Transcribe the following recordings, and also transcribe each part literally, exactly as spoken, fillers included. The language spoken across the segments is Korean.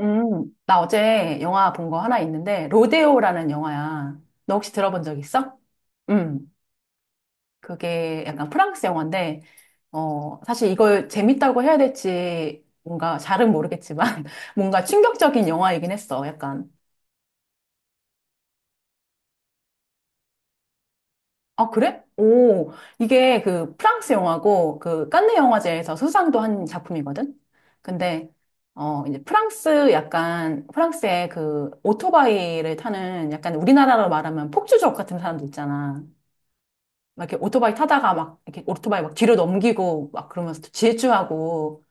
음, 나 어제 영화 본 거 하나 있는데, 로데오라는 영화야. 너 혹시 들어본 적 있어? 음, 그게 약간 프랑스 영화인데, 어, 사실 이걸 재밌다고 해야 될지 뭔가 잘은 모르겠지만, 뭔가 충격적인 영화이긴 했어. 약간 아, 그래? 오, 이게 그 프랑스 영화고 그 칸네 영화제에서 수상도 한 작품이거든? 근데, 어, 이제 프랑스 약간, 프랑스의 그 오토바이를 타는 약간 우리나라로 말하면 폭주족 같은 사람들 있잖아. 막 이렇게 오토바이 타다가 막 이렇게 오토바이 막 뒤로 넘기고 막 그러면서 또 질주하고.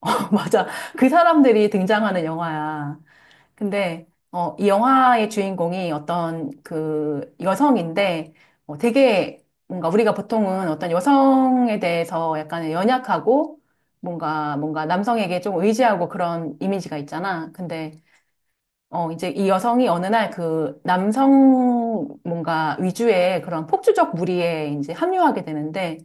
맞아. 그 사람들이 등장하는 영화야. 근데 어, 이 영화의 주인공이 어떤 그 여성인데 어, 되게 뭔가 우리가 보통은 어떤 여성에 대해서 약간 연약하고 뭔가 뭔가 남성에게 좀 의지하고 그런 이미지가 있잖아. 근데 어, 이제 이 여성이 어느 날 그 남성 뭔가 위주의 그런 폭주적 무리에 이제 합류하게 되는데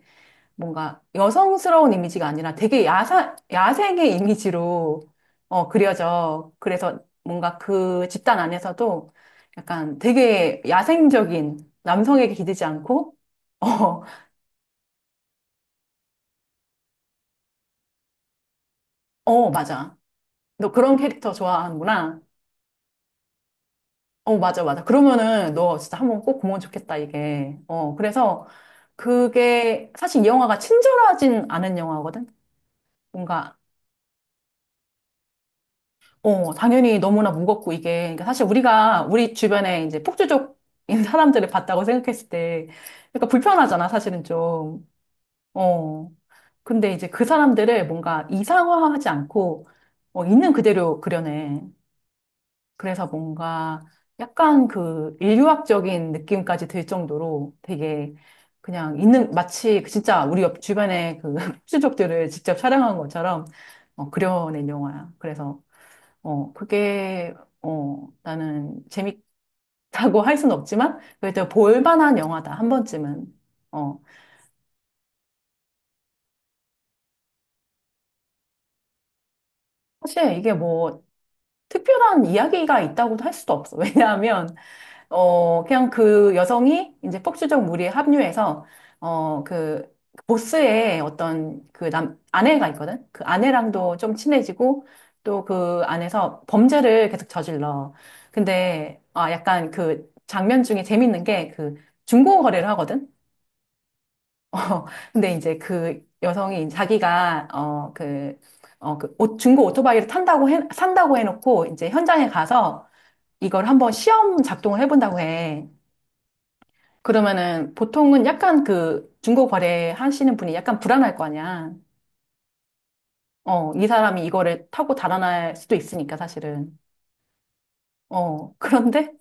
뭔가 여성스러운 이미지가 아니라 되게 야사, 야생의 이미지로 어, 그려져. 그래서 뭔가 그 집단 안에서도 약간 되게 야생적인 남성에게 기대지 않고, 어, 어, 맞아. 너 그런 캐릭터 좋아하는구나. 어, 맞아, 맞아. 그러면은 너 진짜 한번 꼭 보면 좋겠다, 이게. 어, 그래서 그게 사실 이 영화가 친절하진 않은 영화거든? 뭔가 어, 당연히 너무나 무겁고 이게, 그러니까 사실 우리가 우리 주변에 이제 폭주족인 사람들을 봤다고 생각했을 때, 그러니까 불편하잖아, 사실은 좀. 어. 근데 이제 그 사람들을 뭔가 이상화하지 않고, 어, 있는 그대로 그려내. 그래서 뭔가 약간 그 인류학적인 느낌까지 들 정도로 되게 그냥 있는, 마치 그 진짜 우리 옆 주변에 그 폭주족들을 직접 촬영한 것처럼 어, 그려낸 영화야. 그래서 어, 그게, 어, 나는 재밌다고 할 수는 없지만, 그래도 볼만한 영화다, 한 번쯤은. 어, 사실 이게 뭐, 특별한 이야기가 있다고도 할 수도 없어. 왜냐하면, 어, 그냥 그 여성이 이제 폭주적 무리에 합류해서, 어, 그, 보스의 어떤 그 남, 아내가 있거든? 그 아내랑도 좀 친해지고, 또 그 안에서 범죄를 계속 저질러. 근데, 아, 약간 그 장면 중에 재밌는 게 그 중고 거래를 하거든? 어, 근데 이제 그 여성이 자기가 어 그 어 그 오- 중고 오토바이를 탄다고 해 산다고 해놓고 이제 현장에 가서 이걸 한번 시험 작동을 해본다고 해. 그러면은 보통은 약간 그 중고 거래 하시는 분이 약간 불안할 거 아니야. 어, 이 사람이 이거를 타고 달아날 수도 있으니까 사실은. 어, 그런데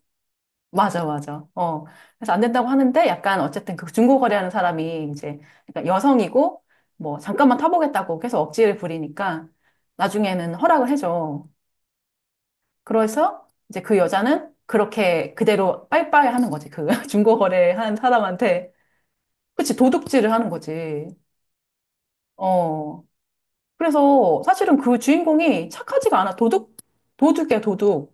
맞아, 맞아. 어. 그래서 안 된다고 하는데 약간 어쨌든 그 중고 거래하는 사람이 이제 그러니까 여성이고 뭐 잠깐만 타보겠다고 계속 억지를 부리니까 나중에는 허락을 해줘. 그래서 이제 그 여자는 그렇게 그대로 빠이빠이 하는 거지. 그 중고 거래하는 사람한테. 그치, 도둑질을 하는 거지. 어. 그래서 사실은 그 주인공이 착하지가 않아. 도둑, 도둑이야, 도둑.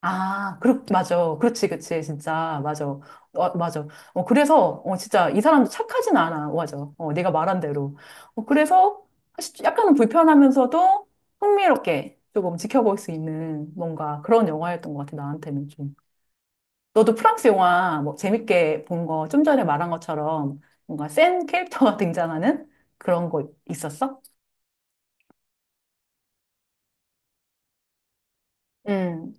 아, 그렇, 맞아. 그렇지, 그렇지. 진짜. 맞아. 어, 맞아. 어, 그래서, 어, 진짜, 이 사람도 착하진 않아. 맞아. 어, 네가 말한 대로. 어, 그래서, 사실 약간은 불편하면서도 흥미롭게 조금 지켜볼 수 있는 뭔가 그런 영화였던 것 같아, 나한테는 좀. 너도 프랑스 영화 뭐 재밌게 본 거, 좀 전에 말한 것처럼 뭔가 센 캐릭터가 등장하는 그런 거 있었어? 음.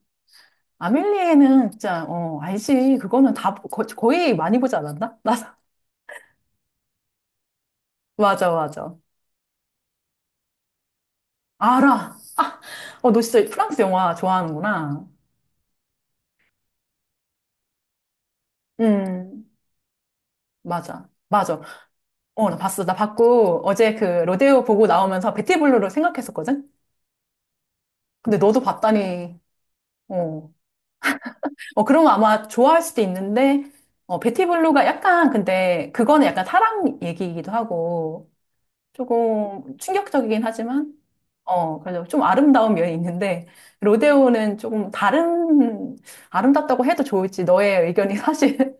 아멜리에는 진짜, 어, 알지. 그거는 다, 거, 거의 많이 보지 않았나? 나 맞아, 맞아. 알아. 어, 너 진짜 프랑스 영화 좋아하는구나. 음. 맞아, 맞아. 어, 나 봤어. 나 봤고, 어제 그 로데오 보고 나오면서 베티블루를 생각했었거든? 근데 너도 봤다니. 어. 어, 그런 거 아마 좋아할 수도 있는데, 어, 베티블루가 약간, 근데 그거는 약간 사랑 얘기이기도 하고, 조금 충격적이긴 하지만, 어, 그래서 좀 아름다운 면이 있는데, 로데오는 조금 다른, 아름답다고 해도 좋을지 너의 의견이 사실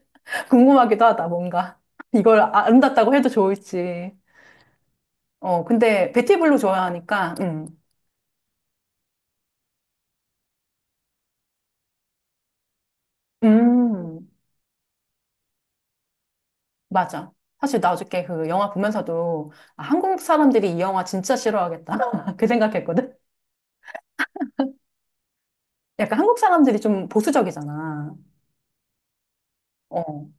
궁금하기도 하다, 뭔가. 이걸 아름답다고 해도 좋을지. 어, 근데 베티블루 좋아하니까, 음, 음, 맞아. 사실 나 어저께 그 영화 보면서도 아, 한국 사람들이 이 영화 진짜 싫어하겠다. 그 생각했거든. 약간 한국 사람들이 좀 보수적이잖아. 어,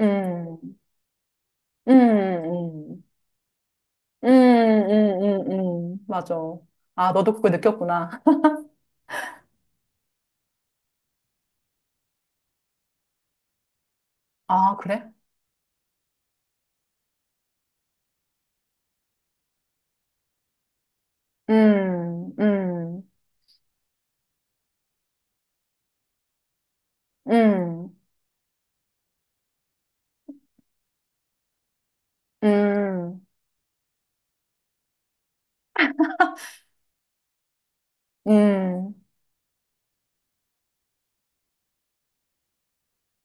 음, 음, 음, 음, 음, 음, 음. 맞아. 아, 너도 그걸 느꼈구나. 아, 그래? 음, 음, 음, 음, 음.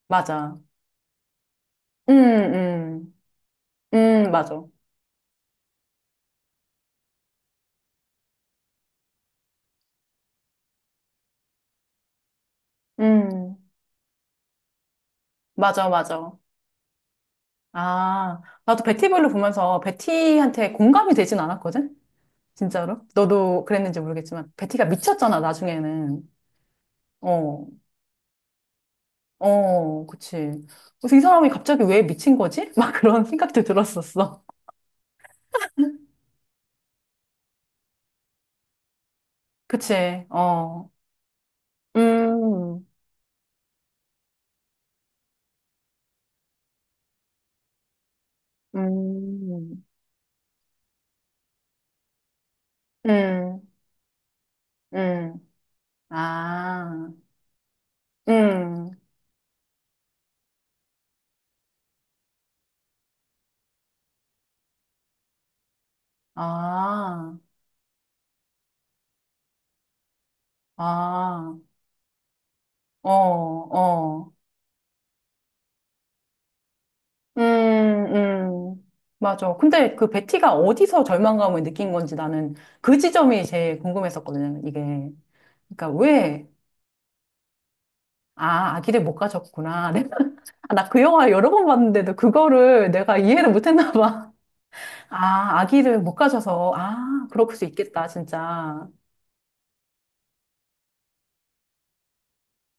맞아. 음, 음, 음, 맞아. 음, 맞아, 맞아. 아, 나도 베티블루 보면서 베티한테 공감이 되진 않았거든? 진짜로? 너도 그랬는지 모르겠지만, 베티가 미쳤잖아, 나중에는. 어, 어, 그치. 그래서 이 사람이 갑자기 왜 미친 거지? 막 그런 생각도 들었었어. 그치, 어. 음, 음, 음, 음. 아, 음, 아, 아. 어, 어. 음, 음. 맞아. 근데 그 베티가 어디서 절망감을 느낀 건지 나는 그 지점이 제일 궁금했었거든, 이게. 그러니까 왜, 아, 아기를 못 가졌구나. 내가, 아, 나그 영화 여러 번 봤는데도 그거를 내가 이해를 못 했나 봐. 아, 아기를 못 가져서, 아, 그럴 수 있겠다, 진짜.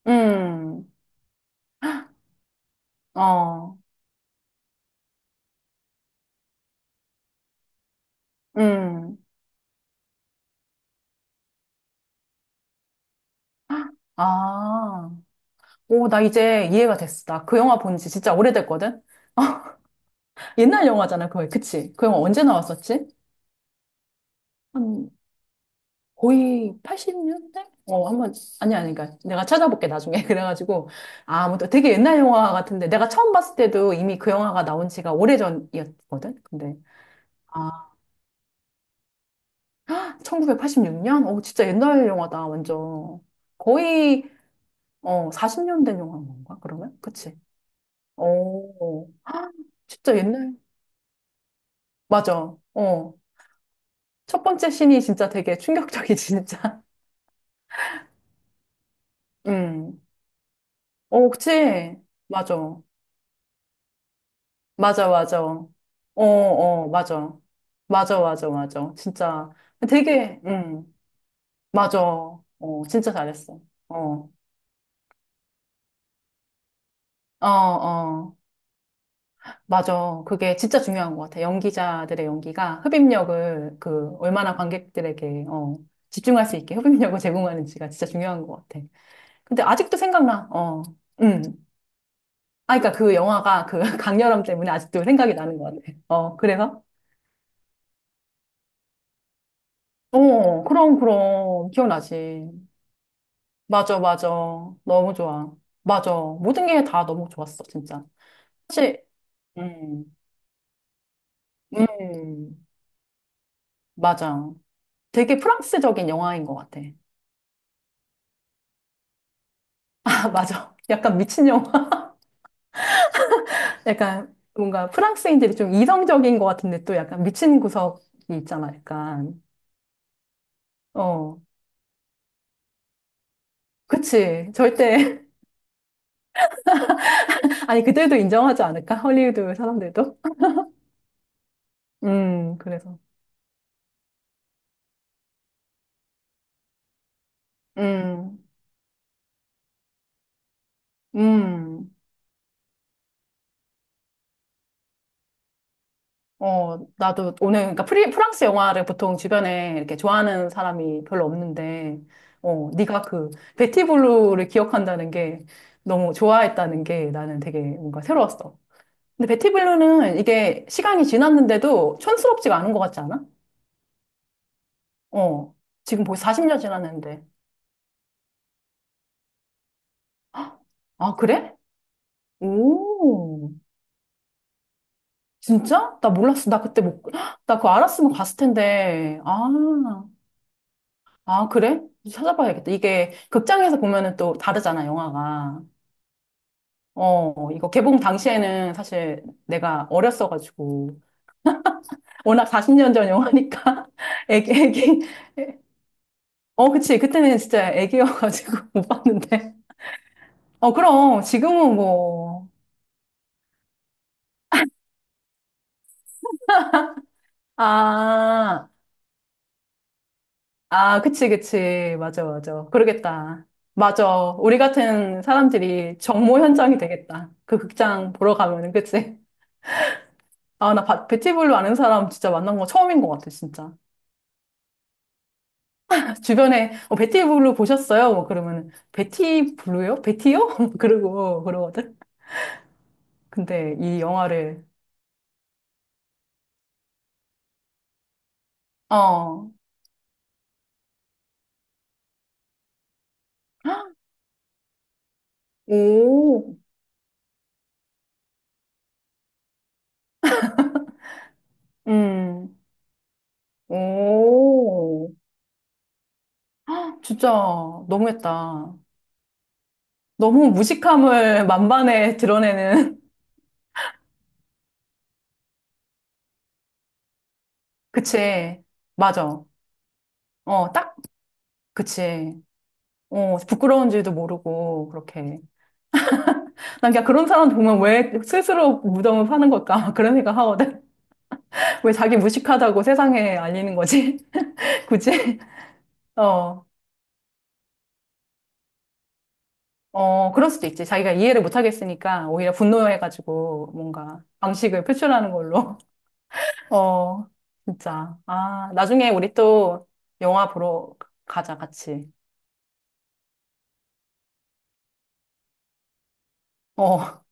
음, 어, 음, 아. 오, 나 이제 이해가 됐어. 나 그 영화 본지 진짜 오래됐거든? 옛날 영화잖아, 그거. 그치? 그 영화 언제 나왔었지? 한 거의 팔십 년대? 어, 한번 아니 아니 그러니까 내가 찾아볼게 나중에 그래가지고 아, 무튼 되게 옛날 영화 같은데 내가 처음 봤을 때도 이미 그 영화가 나온 지가 오래전이었거든. 근데 아, 천구백팔십육 년? 어, 진짜 옛날 영화다 완전. 거의 어, 사십 년 된 영화인 건가? 그러면? 그치? 오 아, 진짜 옛날. 맞아. 어. 첫 번째 신이 진짜 되게 충격적이지 진짜. 음. 어, 그치? 맞아. 맞아, 맞아. 어, 어, 맞아. 맞아, 맞아, 맞아. 진짜 되게, 음, 맞아. 어, 진짜 잘했어. 어, 어, 어. 맞아. 그게 진짜 중요한 것 같아. 연기자들의 연기가 흡입력을 그 얼마나 관객들에게 어, 집중할 수 있게 흡입력을 제공하는지가 진짜 중요한 것 같아. 근데 아직도 생각나. 어, 음. 아, 그러니까 그 영화가 그 강렬함 때문에 아직도 생각이 나는 것 같아. 어, 그래서? 어, 그럼, 그럼. 기억나지. 맞아, 맞아. 너무 좋아. 맞아. 모든 게 다 너무 좋았어, 진짜. 사실, 음, 음, 맞아. 되게 프랑스적인 영화인 것 같아. 아, 맞아. 약간 미친 영화. 약간 뭔가 프랑스인들이 좀 이성적인 것 같은데 또 약간 미친 구석이 있잖아, 약간. 어, 그치. 절대. 아니, 그들도 인정하지 않을까? 헐리우드 사람들도? 음, 그래서. 음, 음. 어, 나도 오늘, 그러니까 프리, 프랑스 영화를 보통 주변에 이렇게 좋아하는 사람이 별로 없는데, 어, 네가 그, 베티 블루를 기억한다는 게 너무 좋아했다는 게 나는 되게 뭔가 새로웠어. 근데 베티 블루는 이게 시간이 지났는데도 촌스럽지가 않은 것 같지 않아? 어, 지금 벌써 사십 년 지났는데. 헉, 아, 그래? 오, 진짜? 나 몰랐어. 나 그때 못, 헉, 나 그거 알았으면 갔을 텐데. 아. 아, 그래? 찾아봐야겠다. 이게 극장에서 보면은 또 다르잖아, 영화가. 어, 이거 개봉 당시에는 사실 내가 어렸어가지고. 워낙 사십 년 전 영화니까. 애기, 애기. 어, 그치. 그때는 진짜 애기여가지고 못 봤는데. 어, 그럼. 지금은 뭐. 아, 아, 그치, 그치. 맞아, 맞아. 그러겠다. 맞아. 우리 같은 사람들이 정모 현장이 되겠다. 그 극장 보러 가면은, 그치? 아, 나 바- 베티블루 아는 사람 진짜 만난 거 처음인 것 같아, 진짜. 주변에, 어, 베티블루 보셨어요? 뭐 그러면은, 베티블루요? 베티요? 그러고, 그러거든. 근데 이 영화를, 어, 오, 음, 오, 진짜 너무했다. 너무 무식함을 만반에 드러내는, 그치, 맞아. 어, 딱, 그치. 어, 부끄러운지도 모르고, 그렇게. 난 그냥 그런 사람들 보면 왜 스스로 무덤을 파는 걸까? 그런 생각 하거든. 왜 자기 무식하다고 세상에 알리는 거지? 굳이? 어, 어, 그럴 수도 있지. 자기가 이해를 못 하겠으니까 오히려 분노해가지고 뭔가 방식을 표출하는 걸로. 어, 진짜. 아, 나중에 우리 또 영화 보러 가자, 같이. 어,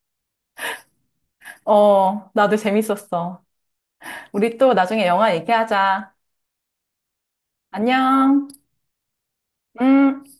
어, 나도 재밌었어. 우리 또 나중에 영화 얘기하자. 안녕. 음.